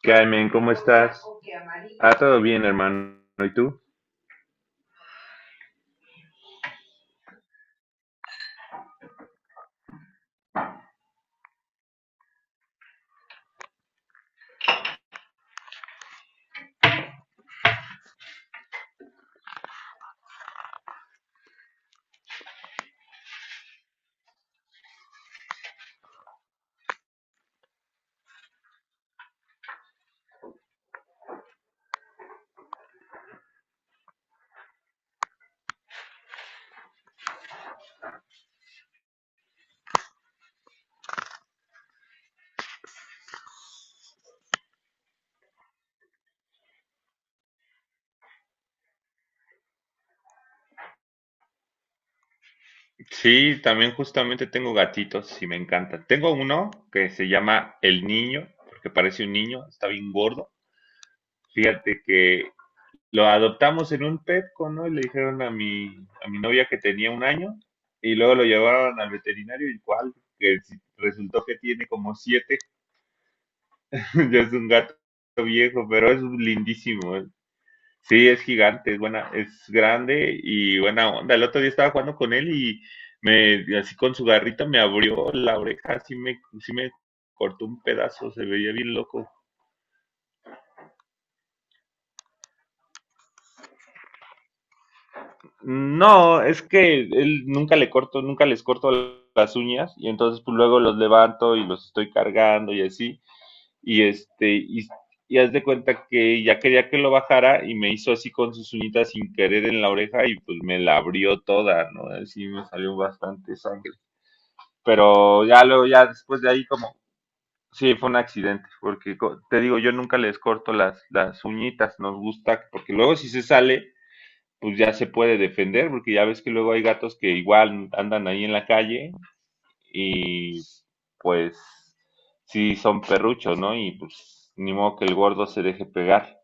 Carmen, ¿cómo estás? Ah, todo bien, hermano. ¿Y tú? Sí, también justamente tengo gatitos y me encantan. Tengo uno que se llama El Niño, porque parece un niño, está bien gordo. Fíjate que lo adoptamos en un Petco, ¿no? Y le dijeron a mi novia que tenía un año y luego lo llevaron al veterinario igual, que sí, resultó que tiene como siete. Ya es un gato viejo, pero es lindísimo. Sí, es gigante, es buena, es grande y buena onda. El otro día estaba jugando con él y me, así con su garrita me abrió la oreja, así me, sí me cortó un pedazo, se veía bien loco. No, es que él nunca les corto las uñas y entonces pues luego los levanto y los estoy cargando y así. Y este, y, y haz de cuenta que ya quería que lo bajara y me hizo así con sus uñitas sin querer en la oreja y pues me la abrió toda, ¿no? Así me salió bastante sangre. Pero ya luego, ya después de ahí como, sí, fue un accidente, porque te digo, yo nunca les corto las uñitas, nos gusta, porque luego si se sale, pues ya se puede defender, porque ya ves que luego hay gatos que igual andan ahí en la calle y pues sí son perruchos, ¿no? Y pues ni modo que el gordo se deje pegar.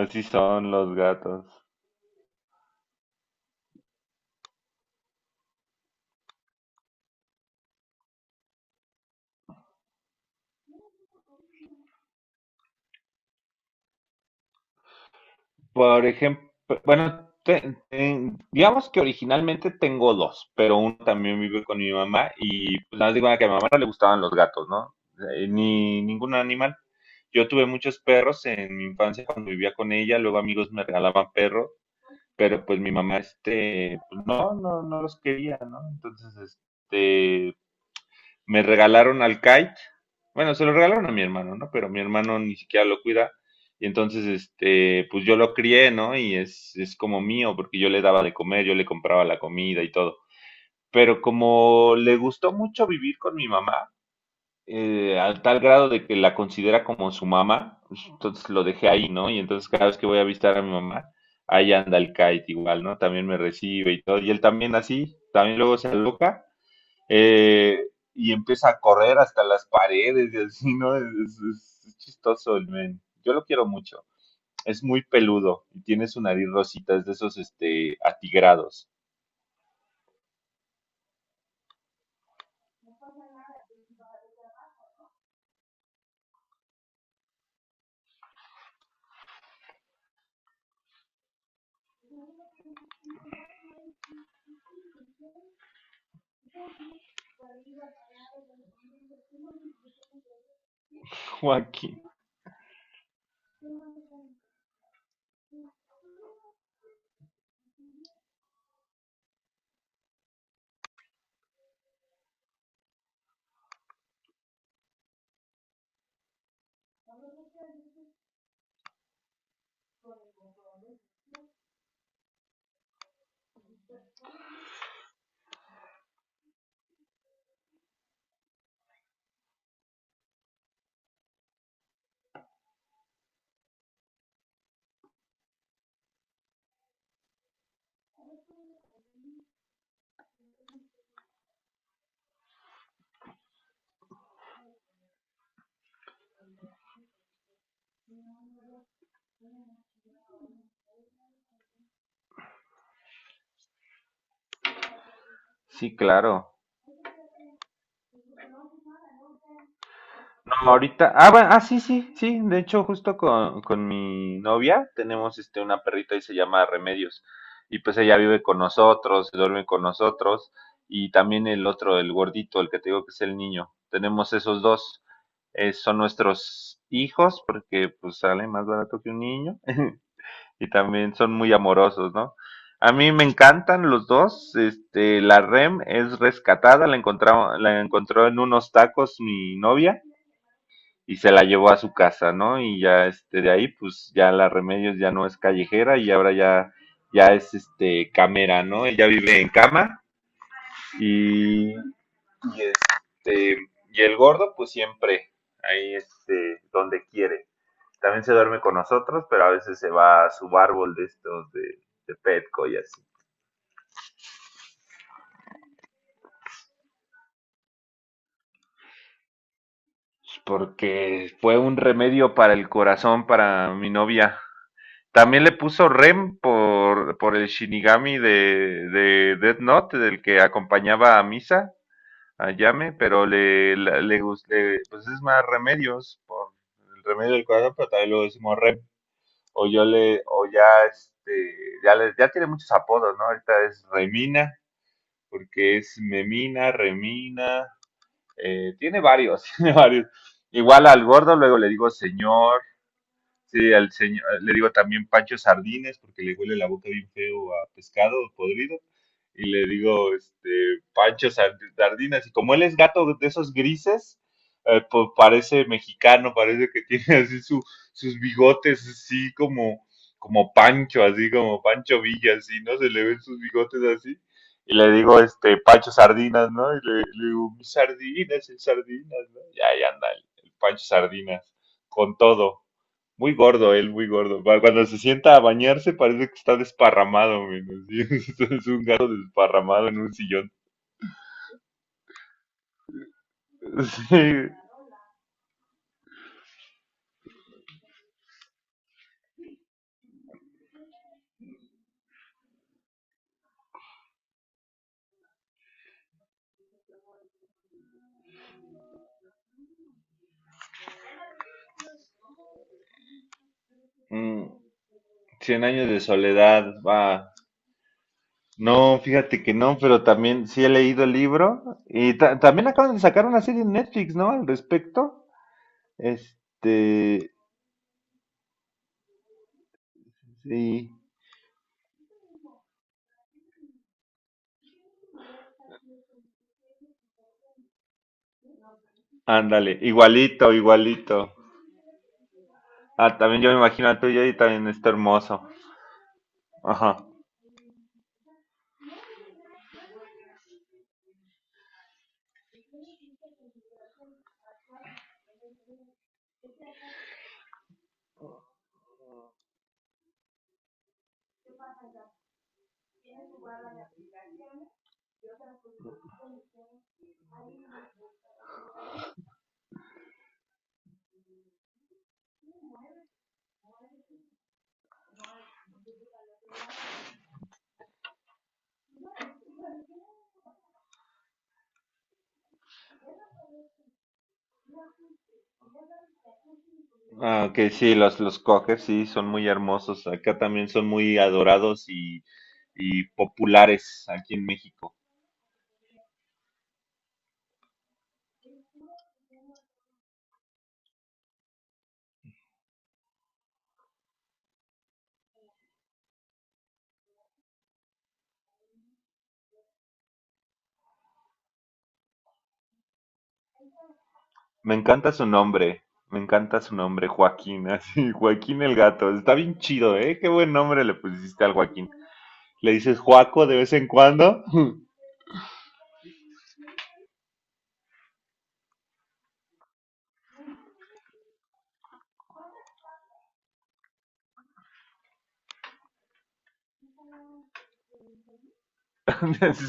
Así son los gatos. Por ejemplo, bueno, digamos que originalmente tengo dos, pero uno también vive con mi mamá y pues nada más digo ah, que a mi mamá no le gustaban los gatos, ¿no? Ni ningún animal. Yo tuve muchos perros en mi infancia cuando vivía con ella, luego amigos me regalaban perros, pero pues mi mamá, pues, no, no, no los quería, ¿no? Entonces, me regalaron al kite. Bueno, se lo regalaron a mi hermano, ¿no? Pero mi hermano ni siquiera lo cuida. Y entonces, pues yo lo crié, ¿no? Y es como mío, porque yo le daba de comer, yo le compraba la comida y todo. Pero como le gustó mucho vivir con mi mamá, al tal grado de que la considera como su mamá, pues, entonces lo dejé ahí, ¿no? Y entonces cada vez que voy a visitar a mi mamá, ahí anda el kite igual, ¿no? También me recibe y todo. Y él también así, también luego se aloca eh, y empieza a correr hasta las paredes y así, ¿no? Es chistoso el men. Yo lo quiero mucho. Es muy peludo y tiene su nariz rosita, es de esos atigrados. Joaquín. Sí, claro. Ahorita, ah, bueno, ah, sí, sí, sí, de hecho, justo con, mi novia tenemos una perrita y se llama Remedios. Y pues ella vive con nosotros, duerme con nosotros, y también el otro, el gordito, el que te digo que es el niño. Tenemos esos dos, son nuestros hijos, porque pues sale más barato que un niño, y también son muy amorosos, ¿no? A mí me encantan los dos, la Rem es rescatada, la encontró en unos tacos mi novia y se la llevó a su casa, ¿no? Y ya de ahí, pues ya la Remedios ya no es callejera y ahora ya es camera, ¿no? Ella vive en cama y, y este y el gordo, pues siempre ahí donde quiere. También se duerme con nosotros, pero a veces se va a su árbol de estos de, Petco y así. Porque fue un remedio para el corazón para mi novia. También le puso Rem por, el Shinigami de Death Note, del que acompañaba a Misa, a Yame, pero pues es más remedios por el remedio del cuadro, pero también lo decimos Rem. O yo le, o ya este, ya le- ya tiene muchos apodos, ¿no? Ahorita es Remina, porque es Memina, Remina, tiene varios, tiene varios. Igual al gordo, luego le digo señor. Sí, al señor, le digo también Pancho Sardines, porque le huele la boca bien feo a pescado podrido. Y le digo, Pancho Sardinas. Y como él es gato de esos grises, pues parece mexicano, parece que tiene así sus bigotes, así como Pancho, así como Pancho Villa, así, ¿no? Se le ven sus bigotes así. Y le digo, Pancho Sardinas, ¿no? Y le digo, mis sardinas, el sardinas, ¿no? Y ahí anda el Pancho Sardinas, con todo. Muy gordo él, muy gordo. Cuando se sienta a bañarse parece que está desparramado, menos. Es un gato desparramado en un sillón. Sí. Mm, Cien años de soledad, va. No, fíjate que no, pero también sí he leído el libro. Y también acaban de sacar una serie en Netflix, ¿no? Al respecto. Este, sí. Ándale, igualito, igualito. Ah, también yo me imagino al tuyo y también está hermoso. Ajá. Ah, ok, sí, los, cocker sí son muy hermosos. Acá también son muy adorados y populares aquí en México. Me encanta su nombre, me encanta su nombre, Joaquín, así, Joaquín el gato. Está bien chido, ¿eh? Qué buen nombre le pusiste al Joaquín. ¿Le dices Joaco de vez en cuando?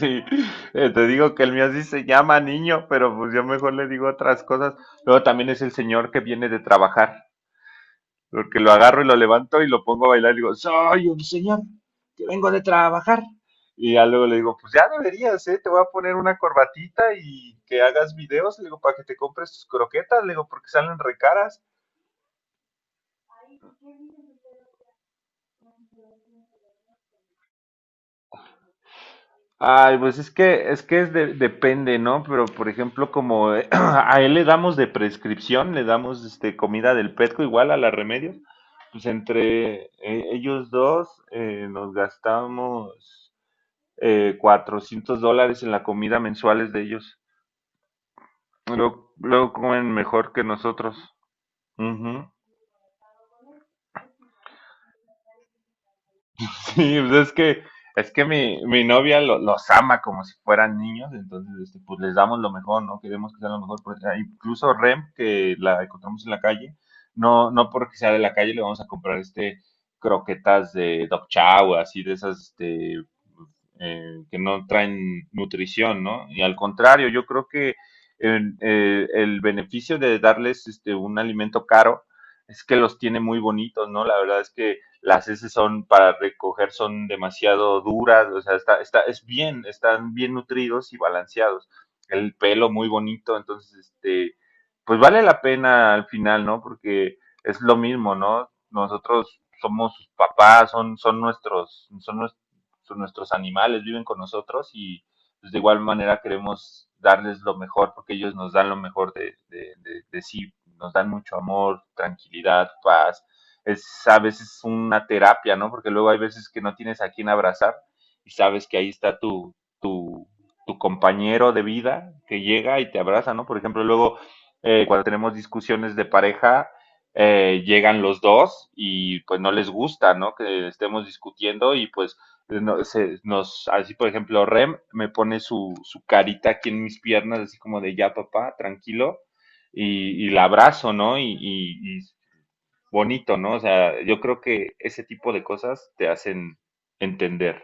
Sí, te digo que el mío sí se llama niño, pero pues yo mejor le digo otras cosas. Luego también es el señor que viene de trabajar. Porque lo agarro y lo levanto y lo pongo a bailar y digo, soy un señor que vengo de trabajar. Y ya luego le digo, pues ya deberías, ¿eh? Te voy a poner una corbatita y que hagas videos, le digo, para que te compres tus croquetas, le digo, porque salen recaras. Ay, pues es que, es depende, ¿no? Pero por ejemplo, como a él le damos de prescripción, le damos comida del Petco igual a la remedio, pues entre ellos dos nos gastamos $400 en la comida mensuales de ellos. Luego, luego comen mejor que nosotros. Ujú. Sí, pues es que mi novia los ama como si fueran niños, entonces pues les damos lo mejor, ¿no? Queremos que sea lo mejor. Incluso Rem, que la encontramos en la calle, no, no porque sea de la calle le vamos a comprar croquetas de dog chow, así de esas que no traen nutrición, ¿no? Y al contrario, yo creo que el beneficio de darles un alimento caro es que los tiene muy bonitos, ¿no? La verdad es que las S son para recoger son demasiado duras, o sea, están bien nutridos y balanceados. El pelo muy bonito, entonces, pues vale la pena al final, ¿no? Porque es lo mismo, ¿no? Nosotros somos sus papás, son nuestros animales, viven con nosotros y pues, de igual manera queremos darles lo mejor porque ellos nos dan lo mejor de, de sí, nos dan mucho amor, tranquilidad, paz, es a veces una terapia, ¿no? Porque luego hay veces que no tienes a quién abrazar y sabes que ahí está tu, tu, tu compañero de vida que llega y te abraza, ¿no? Por ejemplo, luego cuando tenemos discusiones de pareja, llegan los dos y pues no les gusta, ¿no? Que estemos discutiendo y pues no, se, nos, así por ejemplo, Rem me pone su, carita aquí en mis piernas, así como de ya papá, tranquilo, y la abrazo, ¿no? Y bonito, ¿no? O sea, yo creo que ese tipo de cosas te hacen entender.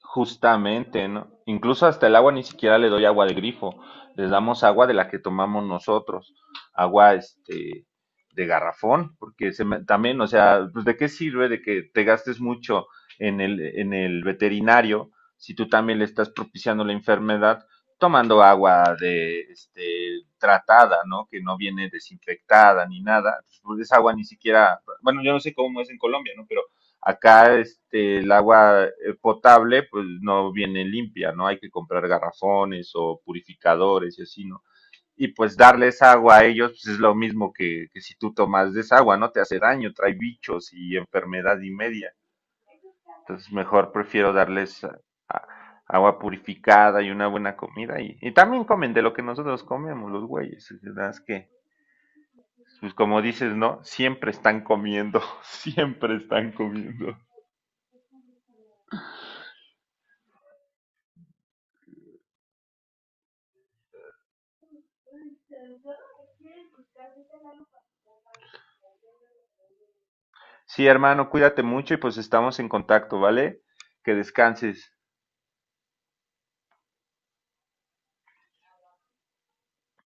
Justamente, ¿no? Incluso hasta el agua ni siquiera le doy agua de grifo, les damos agua de la que tomamos nosotros, agua de garrafón, porque también, o sea, pues de qué sirve de que te gastes mucho en el veterinario si tú también le estás propiciando la enfermedad tomando agua de tratada, ¿no? Que no viene desinfectada ni nada, pues esa agua ni siquiera, bueno, yo no sé cómo es en Colombia, ¿no? Pero acá el agua potable pues no viene limpia, ¿no? Hay que comprar garrafones o purificadores y así, ¿no? Y pues darles agua a ellos pues, es lo mismo que, si tú tomas desagua, ¿no? Te hace daño, trae bichos y enfermedad y media. Entonces mejor prefiero darles a- agua purificada y una buena comida. Y también comen de lo que nosotros comemos, los güeyes. Es verdad que, pues como dices, ¿no? Siempre están comiendo, siempre están comiendo. Sí, hermano, cuídate mucho y pues estamos en contacto, ¿vale? Que descanses.